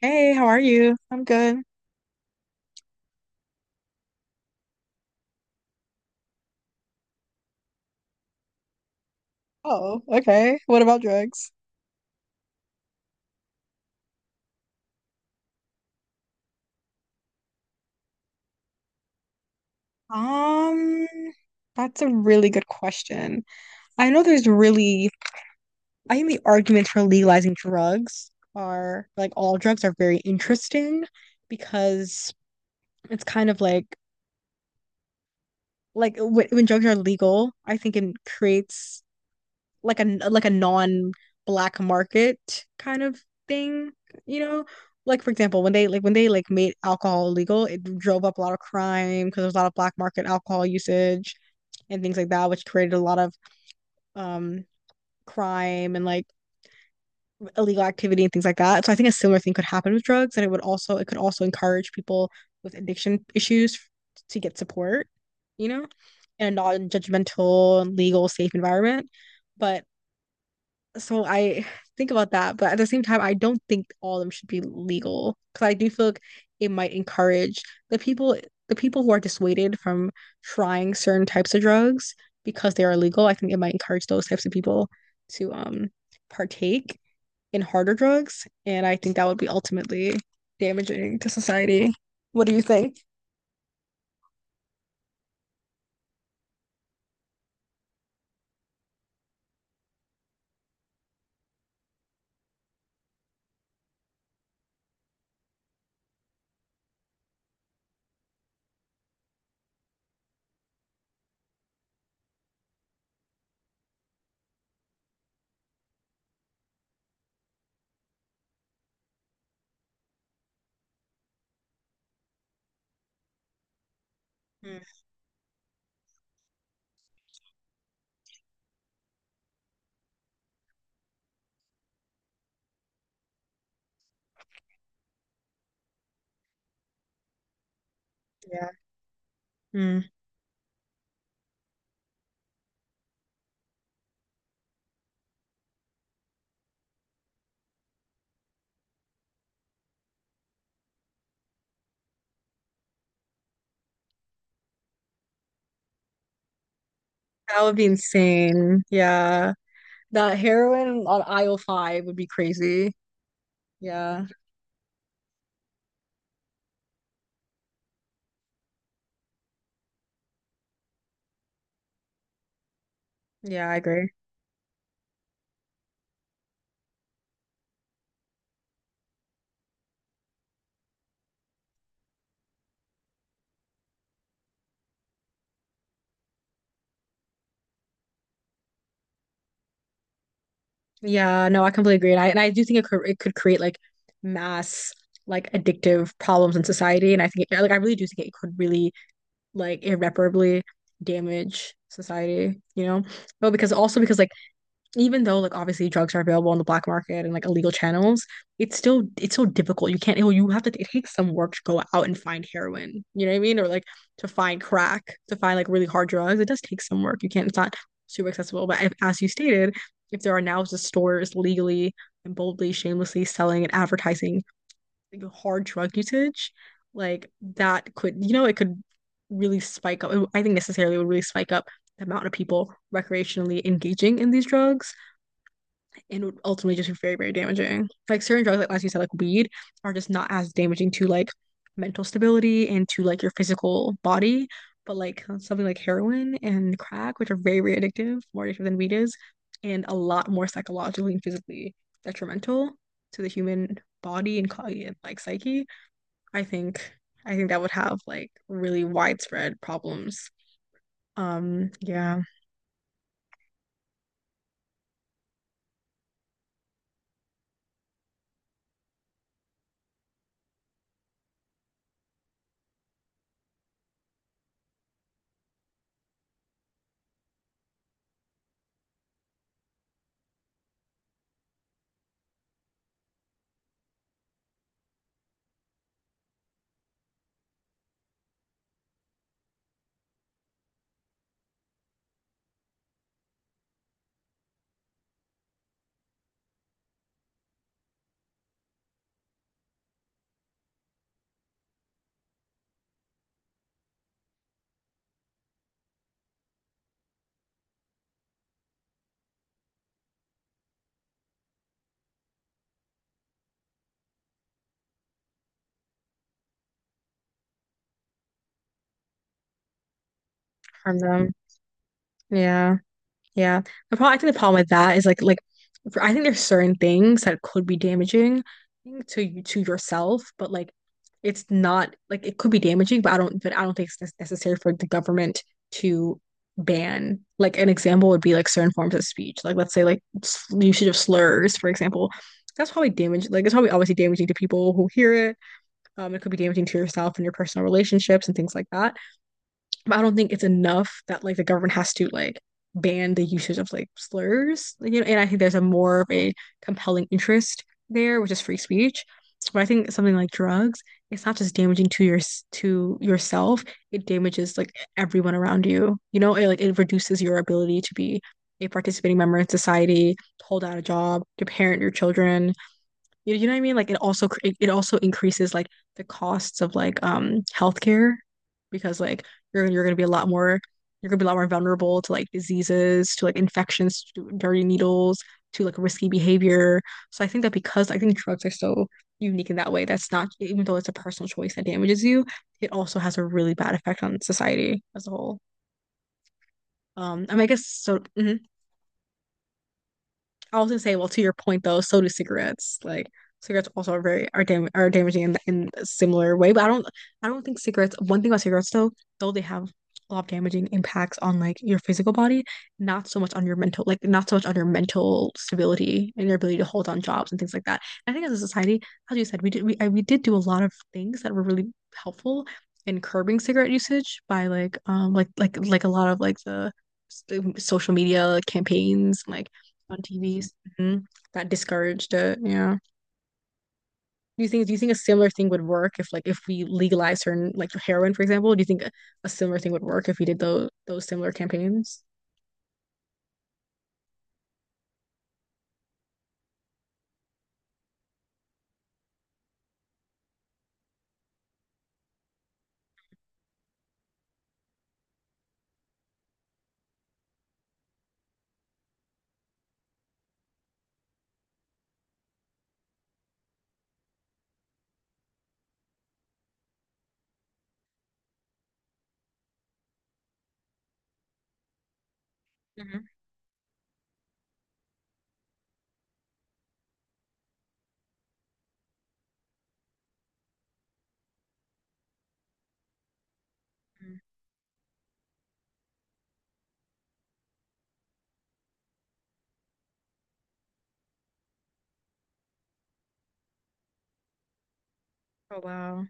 Hey, how are you? I'm good. Oh, okay. What about drugs? Um, that's a really good question. I know there's really, I think the arguments for legalizing drugs are like all drugs are very interesting because it's kind of like like when drugs are legal, I think it creates like a non black market kind of thing, you know? Like for example, when they like made alcohol illegal, it drove up a lot of crime because there was a lot of black market alcohol usage and things like that, which created a lot of um crime and like illegal activity and things like that. So I think a similar thing could happen with drugs, and it could also encourage people with addiction issues to get support, you know, in a non-judgmental, legal, safe environment. But I think about that, but at the same time, I don't think all of them should be legal because I do feel like it might encourage the people the people who are dissuaded from trying certain types of drugs because they are illegal. I think it might encourage those types of people to partake in harder drugs, and I think that would be ultimately damaging to society. What do you think? Yeah. Mm. That would be insane. Yeah. That heroin on aisle five would be crazy. Yeah. Yeah, I agree. Yeah, no, I completely agree. And I do think it could create like mass like addictive problems in society. And I think it, like I really do think it could really like irreparably damage society, you know? But because also because like even though like obviously drugs are available on the black market and like illegal channels, it's so difficult. You can't you have to it takes some work to go out and find heroin. You know what I mean? Or like to find crack, to find like really hard drugs. It does take some work. You can't it's not super accessible. But if, as you stated, if there are now just stores legally and boldly, shamelessly selling and advertising like, hard drug usage, like that could you know it could really spike up. I think necessarily would really spike up the amount of people recreationally engaging in these drugs and would ultimately just be very, very damaging. Like certain drugs, like as you said, like weed, are just not as damaging to like mental stability and to like your physical body. But like something like heroin and crack, which are very, very addictive, more addictive than weed is, and a lot more psychologically and physically detrimental to the human body and like psyche. I think I think that would have like really widespread problems. Um, yeah, from them. Yeah. Yeah. The problem, I think the problem with that is like for, I think there's certain things that could be damaging to you to yourself, but like it's not like it could be damaging, but I don't think it's necessary for the government to ban. Like an example would be like certain forms of speech. Like let's say like usage of slurs, for example. That's probably damage like it's probably obviously damaging to people who hear it. It could be damaging to yourself and your personal relationships and things like that, but I don't think it's enough that like the government has to like ban the usage of like slurs. Like, you know, and I think there's a more of a compelling interest there, which is free speech. But I think something like drugs, it's not just damaging to yourself, it damages like everyone around you. You know, it like it reduces your ability to be a participating member in society, to hold out a job, to parent your children, you know what I mean? Like it also increases like the costs of like healthcare because like you're gonna be a lot more vulnerable to like diseases, to like infections, to dirty needles, to like risky behavior. So I think that because I think drugs are so unique in that way, that's not even though it's a personal choice that damages you, it also has a really bad effect on society as a whole. I mean, I guess so. Mhm. I was gonna say, well, to your point though, so do cigarettes. Like cigarettes also are very are dam are damaging in a similar way. But I don't think cigarettes. One thing about cigarettes though they have a lot of damaging impacts on like your physical body, not so much on your mental, like not so much on your mental stability and your ability to hold on jobs and things like that. I think as a society, as you said, we did do a lot of things that were really helpful in curbing cigarette usage by like like a lot of like the social media campaigns like on TVs. Hmm. That discouraged it. Yeah. Do you think a similar thing would work if if we legalize certain like heroin, for example? Do you think a similar thing would work if we did those similar campaigns? Mhm. Oh wow.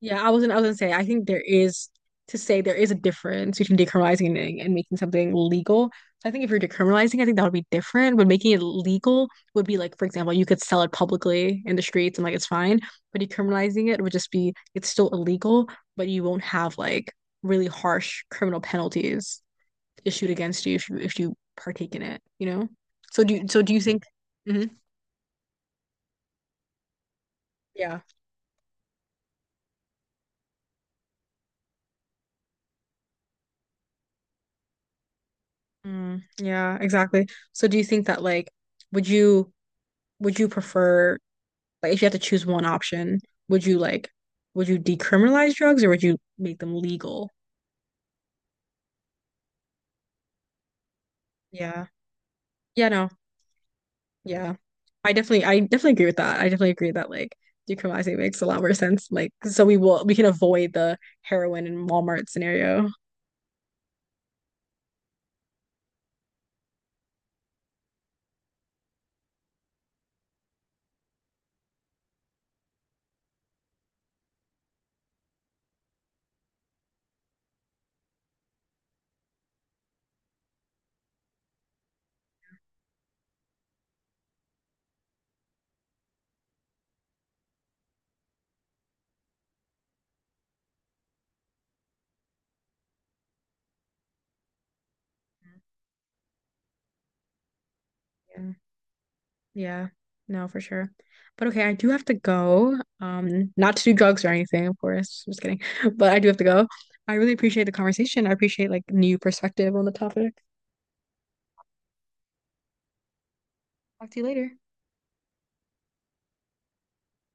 Yeah, I wasn't I was gonna say I think there is to say there is a difference between decriminalizing and making something legal. So I think if you're decriminalizing, I think that would be different. But making it legal would be like, for example, you could sell it publicly in the streets and like it's fine. But decriminalizing it would just be it's still illegal, but you won't have like really harsh criminal penalties issued against you if you if you partake in it, you know? So do you think Mhm. Yeah. Mm, yeah, exactly. So do you think that like would you would you prefer like if you had to choose one option, would you like would you decriminalize drugs or would you make them legal? Yeah. Yeah, no. Yeah. I definitely agree with that. I definitely agree that like decriminalizing makes a lot more sense. Like so we can avoid the heroin and Walmart scenario. Yeah. Yeah, no, for sure. But okay, I do have to go. Not to do drugs or anything, of course. Just kidding. But I do have to go. I really appreciate the conversation. I appreciate like new perspective on the topic. Talk to you later.